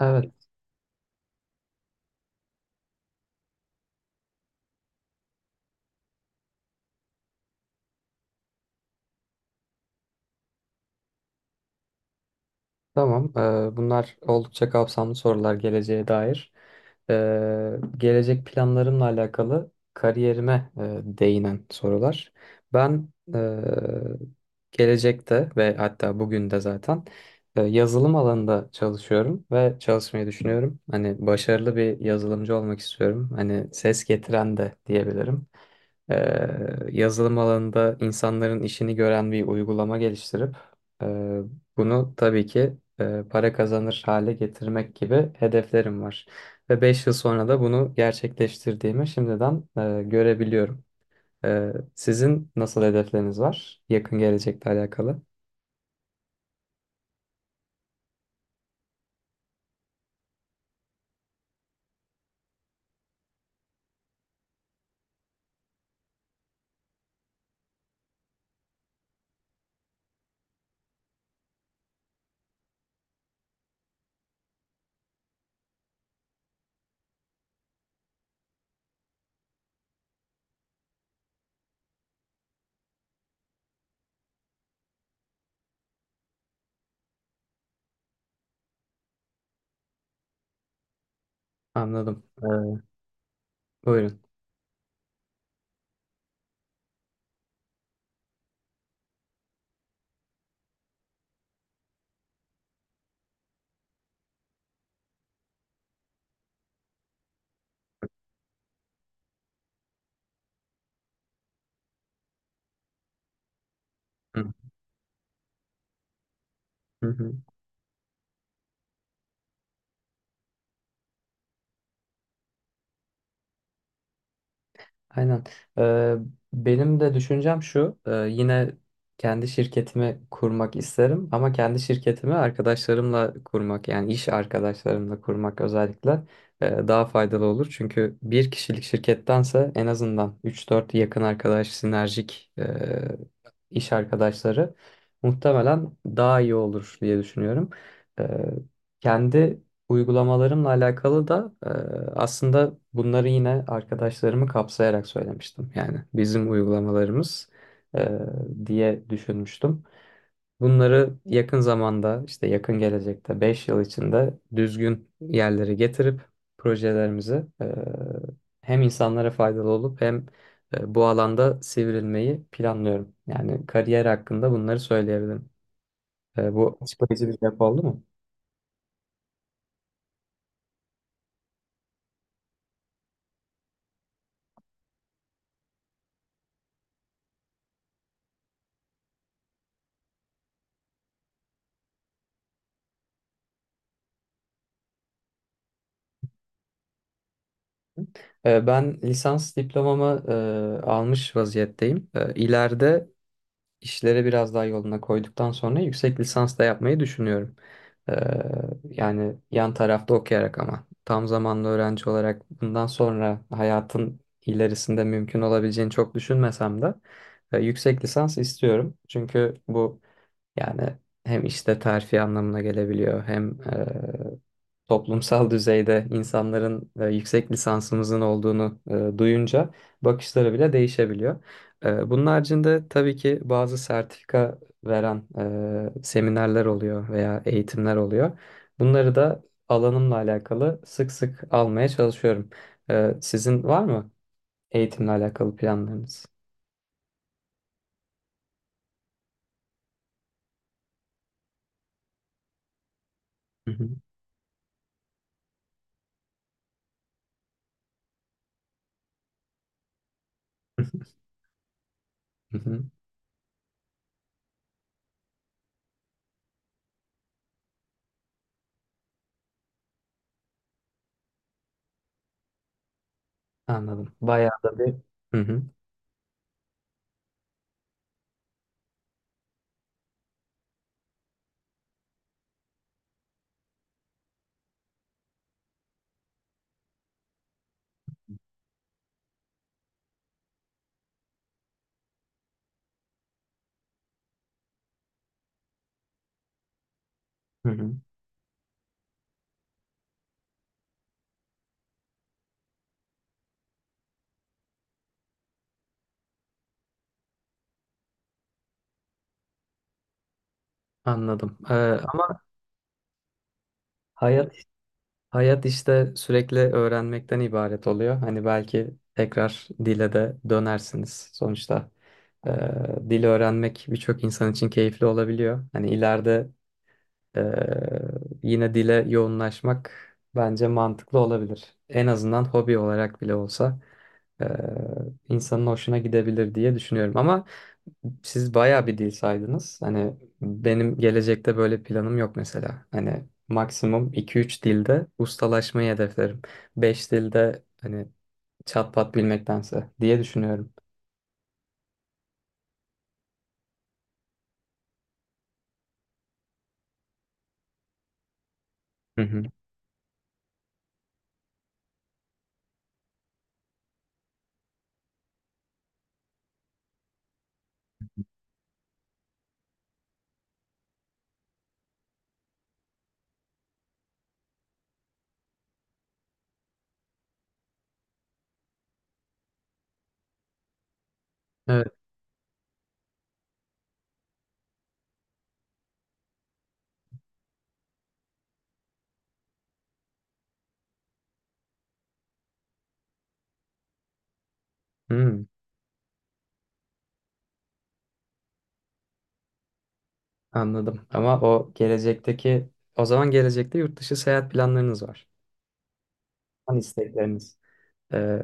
Evet, tamam. Bunlar oldukça kapsamlı sorular geleceğe dair. Ee, gelecek planlarımla alakalı kariyerime değinen sorular. Ben e, gelecekte ve hatta bugün de zaten yazılım alanında çalışıyorum ve çalışmayı düşünüyorum. Hani başarılı bir yazılımcı olmak istiyorum. Hani ses getiren de diyebilirim. Yazılım alanında insanların işini gören bir uygulama geliştirip e, bunu tabii ki para kazanır hale getirmek gibi hedeflerim var. Ve 5 yıl sonra da bunu gerçekleştirdiğimi şimdiden görebiliyorum. Sizin nasıl hedefleriniz var yakın gelecekle alakalı? Anladım. Buyurun. Hı hı. Aynen. Ee, benim de düşüncem şu. Yine kendi şirketimi kurmak isterim ama kendi şirketimi arkadaşlarımla kurmak, yani iş arkadaşlarımla kurmak özellikle daha faydalı olur. Çünkü bir kişilik şirkettense en azından üç dört yakın arkadaş, sinerjik iş arkadaşları muhtemelen daha iyi olur diye düşünüyorum. E, kendi uygulamalarımla alakalı da aslında bunları yine arkadaşlarımı kapsayarak söylemiştim. Yani bizim uygulamalarımız, e, diye düşünmüştüm. Bunları yakın zamanda, işte yakın gelecekte, 5 yıl içinde düzgün yerlere getirip projelerimizi, hem insanlara faydalı olup hem bu alanda sivrilmeyi planlıyorum. Yani kariyer hakkında bunları söyleyebilirim. Bu açıklayıcı bir cevap oldu mu? Ben lisans diplomamı almış vaziyetteyim. İleride işleri biraz daha yoluna koyduktan sonra yüksek lisans da yapmayı düşünüyorum. E, Yani yan tarafta okuyarak ama tam zamanlı öğrenci olarak bundan sonra hayatın ilerisinde mümkün olabileceğini çok düşünmesem de yüksek lisans istiyorum. Çünkü bu, yani hem işte terfi anlamına gelebiliyor hem toplumsal düzeyde insanların yüksek lisansımızın olduğunu duyunca bakışları bile değişebiliyor. Bunun haricinde tabii ki bazı sertifika veren seminerler oluyor veya eğitimler oluyor. Bunları da alanımla alakalı sık sık almaya çalışıyorum. Sizin var mı eğitimle alakalı planlarınız? Hı hı. Hı hı. Anladım. Bayağı da bir... Hı hı. Hı hı. Anladım. Ama hayat hayat işte sürekli öğrenmekten ibaret oluyor. Hani belki tekrar dile de dönersiniz. Sonuçta e, dil öğrenmek birçok insan için keyifli olabiliyor. Hani ileride, Ee, yine dile yoğunlaşmak bence mantıklı olabilir. En azından hobi olarak bile olsa e, insanın hoşuna gidebilir diye düşünüyorum. Ama siz bayağı bir dil saydınız. Hani benim gelecekte böyle planım yok mesela. Hani maksimum iki üç dilde ustalaşmayı hedeflerim. 5 dilde, hani, çat pat bilmektense, diye düşünüyorum. Hı hı. Evet. Hmm, anladım. Ama o gelecekteki, o zaman gelecekte yurt dışı seyahat planlarınız var. An istekleriniz. Ee,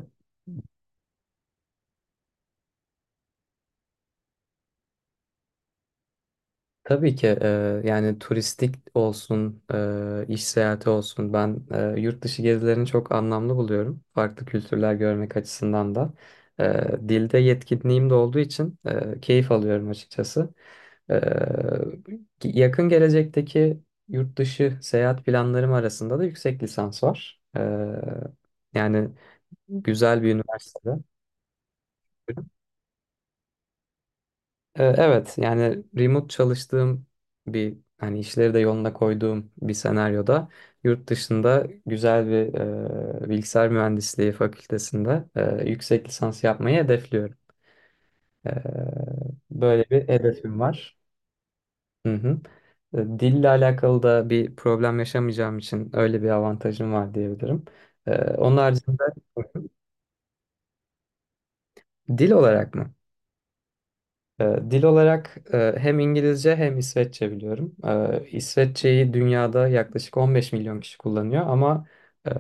tabii ki yani turistik olsun, iş seyahati olsun. Ben yurt dışı gezilerini çok anlamlı buluyorum. Farklı kültürler görmek açısından da. Dilde yetkinliğim de olduğu için keyif alıyorum açıkçası. E, yakın gelecekteki yurt dışı seyahat planlarım arasında da yüksek lisans var. Yani güzel bir üniversitede. Evet, yani remote çalıştığım, bir hani işleri de yoluna koyduğum bir senaryoda, yurt dışında güzel bir bilgisayar mühendisliği fakültesinde yüksek lisans yapmayı hedefliyorum. Ee, böyle bir hedefim var. Hı hı. Dille alakalı da bir problem yaşamayacağım için öyle bir avantajım var diyebilirim. Onun haricinde dil olarak mı? Ee, Dil olarak hem İngilizce hem İsveççe biliyorum. İsveççeyi dünyada yaklaşık 15 milyon kişi kullanıyor ama e,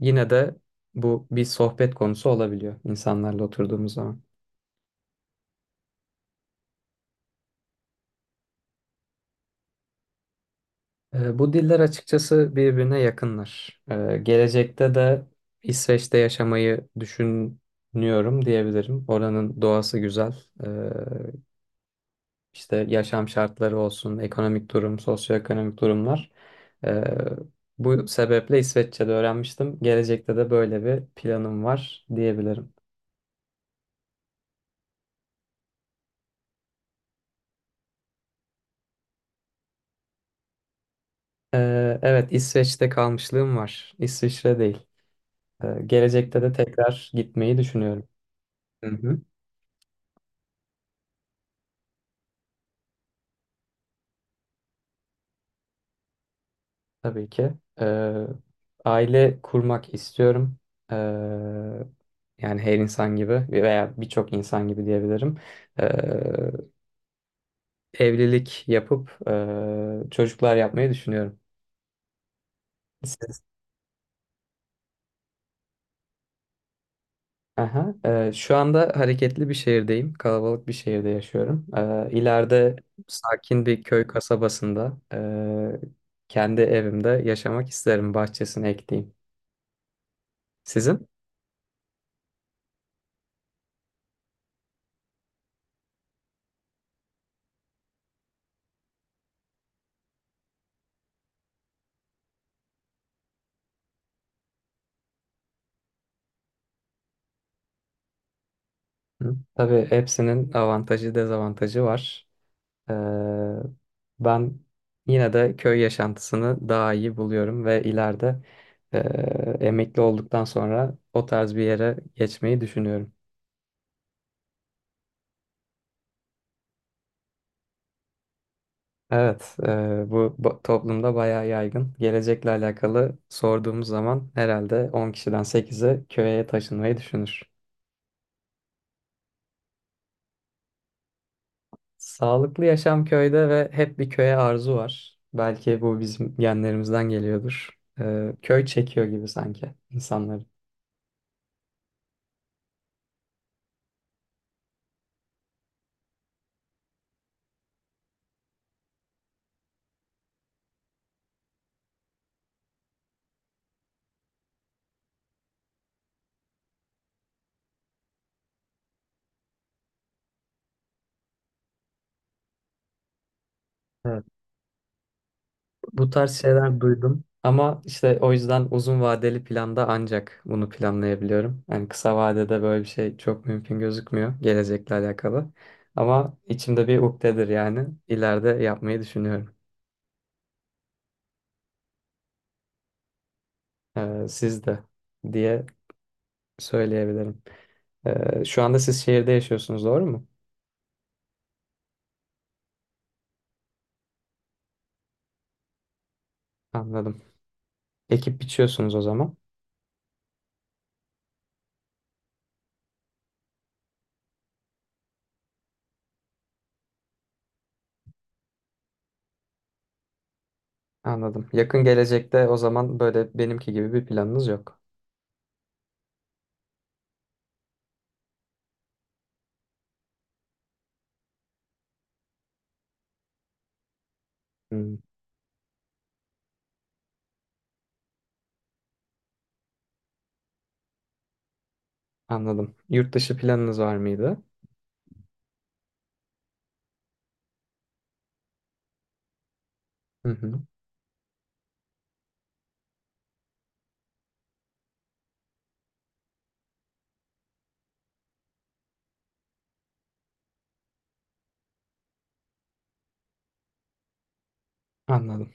yine de bu bir sohbet konusu olabiliyor insanlarla oturduğumuz zaman. Bu diller açıkçası birbirine yakınlar. Gelecekte de İsveç'te yaşamayı düşünüyorum diyebilirim. Oranın doğası güzel. Ee, İşte yaşam şartları olsun, ekonomik durum, sosyoekonomik durumlar. Ee, bu sebeple İsveççe'de öğrenmiştim. Gelecekte de böyle bir planım var diyebilirim. Evet, İsveç'te kalmışlığım var. İsviçre değil. Gelecekte de tekrar gitmeyi düşünüyorum. Hı hı. Tabii ki. Ee, aile kurmak istiyorum. Ee, yani her insan gibi veya birçok insan gibi diyebilirim. Ee, evlilik yapıp çocuklar yapmayı düşünüyorum. Siz? Aha. Şu anda hareketli bir şehirdeyim. Kalabalık bir şehirde yaşıyorum. İleride sakin bir köy kasabasında kendi evimde yaşamak isterim. Bahçesini ekleyeyim. Sizin? Hı. Tabii hepsinin avantajı dezavantajı var. Ee, ben yine de köy yaşantısını daha iyi buluyorum ve ileride e, emekli olduktan sonra o tarz bir yere geçmeyi düşünüyorum. Evet, toplumda bayağı yaygın. Gelecekle alakalı sorduğumuz zaman herhalde 10 kişiden sekizi köye taşınmayı düşünür. Sağlıklı yaşam köyde ve hep bir köye arzu var. Belki bu bizim genlerimizden geliyordur. Köy çekiyor gibi sanki insanları. Evet. Bu tarz şeyler duydum. Ama işte o yüzden uzun vadeli planda ancak bunu planlayabiliyorum. Yani kısa vadede böyle bir şey çok mümkün gözükmüyor gelecekle alakalı. Ama içimde bir ukdedir yani. İleride yapmayı düşünüyorum. Siz de, diye söyleyebilirim. Şu anda siz şehirde yaşıyorsunuz, doğru mu? Anladım. Ekip biçiyorsunuz o zaman. Anladım. Yakın gelecekte o zaman böyle benimki gibi bir planınız yok. Hmm, anladım. Yurt dışı planınız var mıydı? Hı hı, anladım.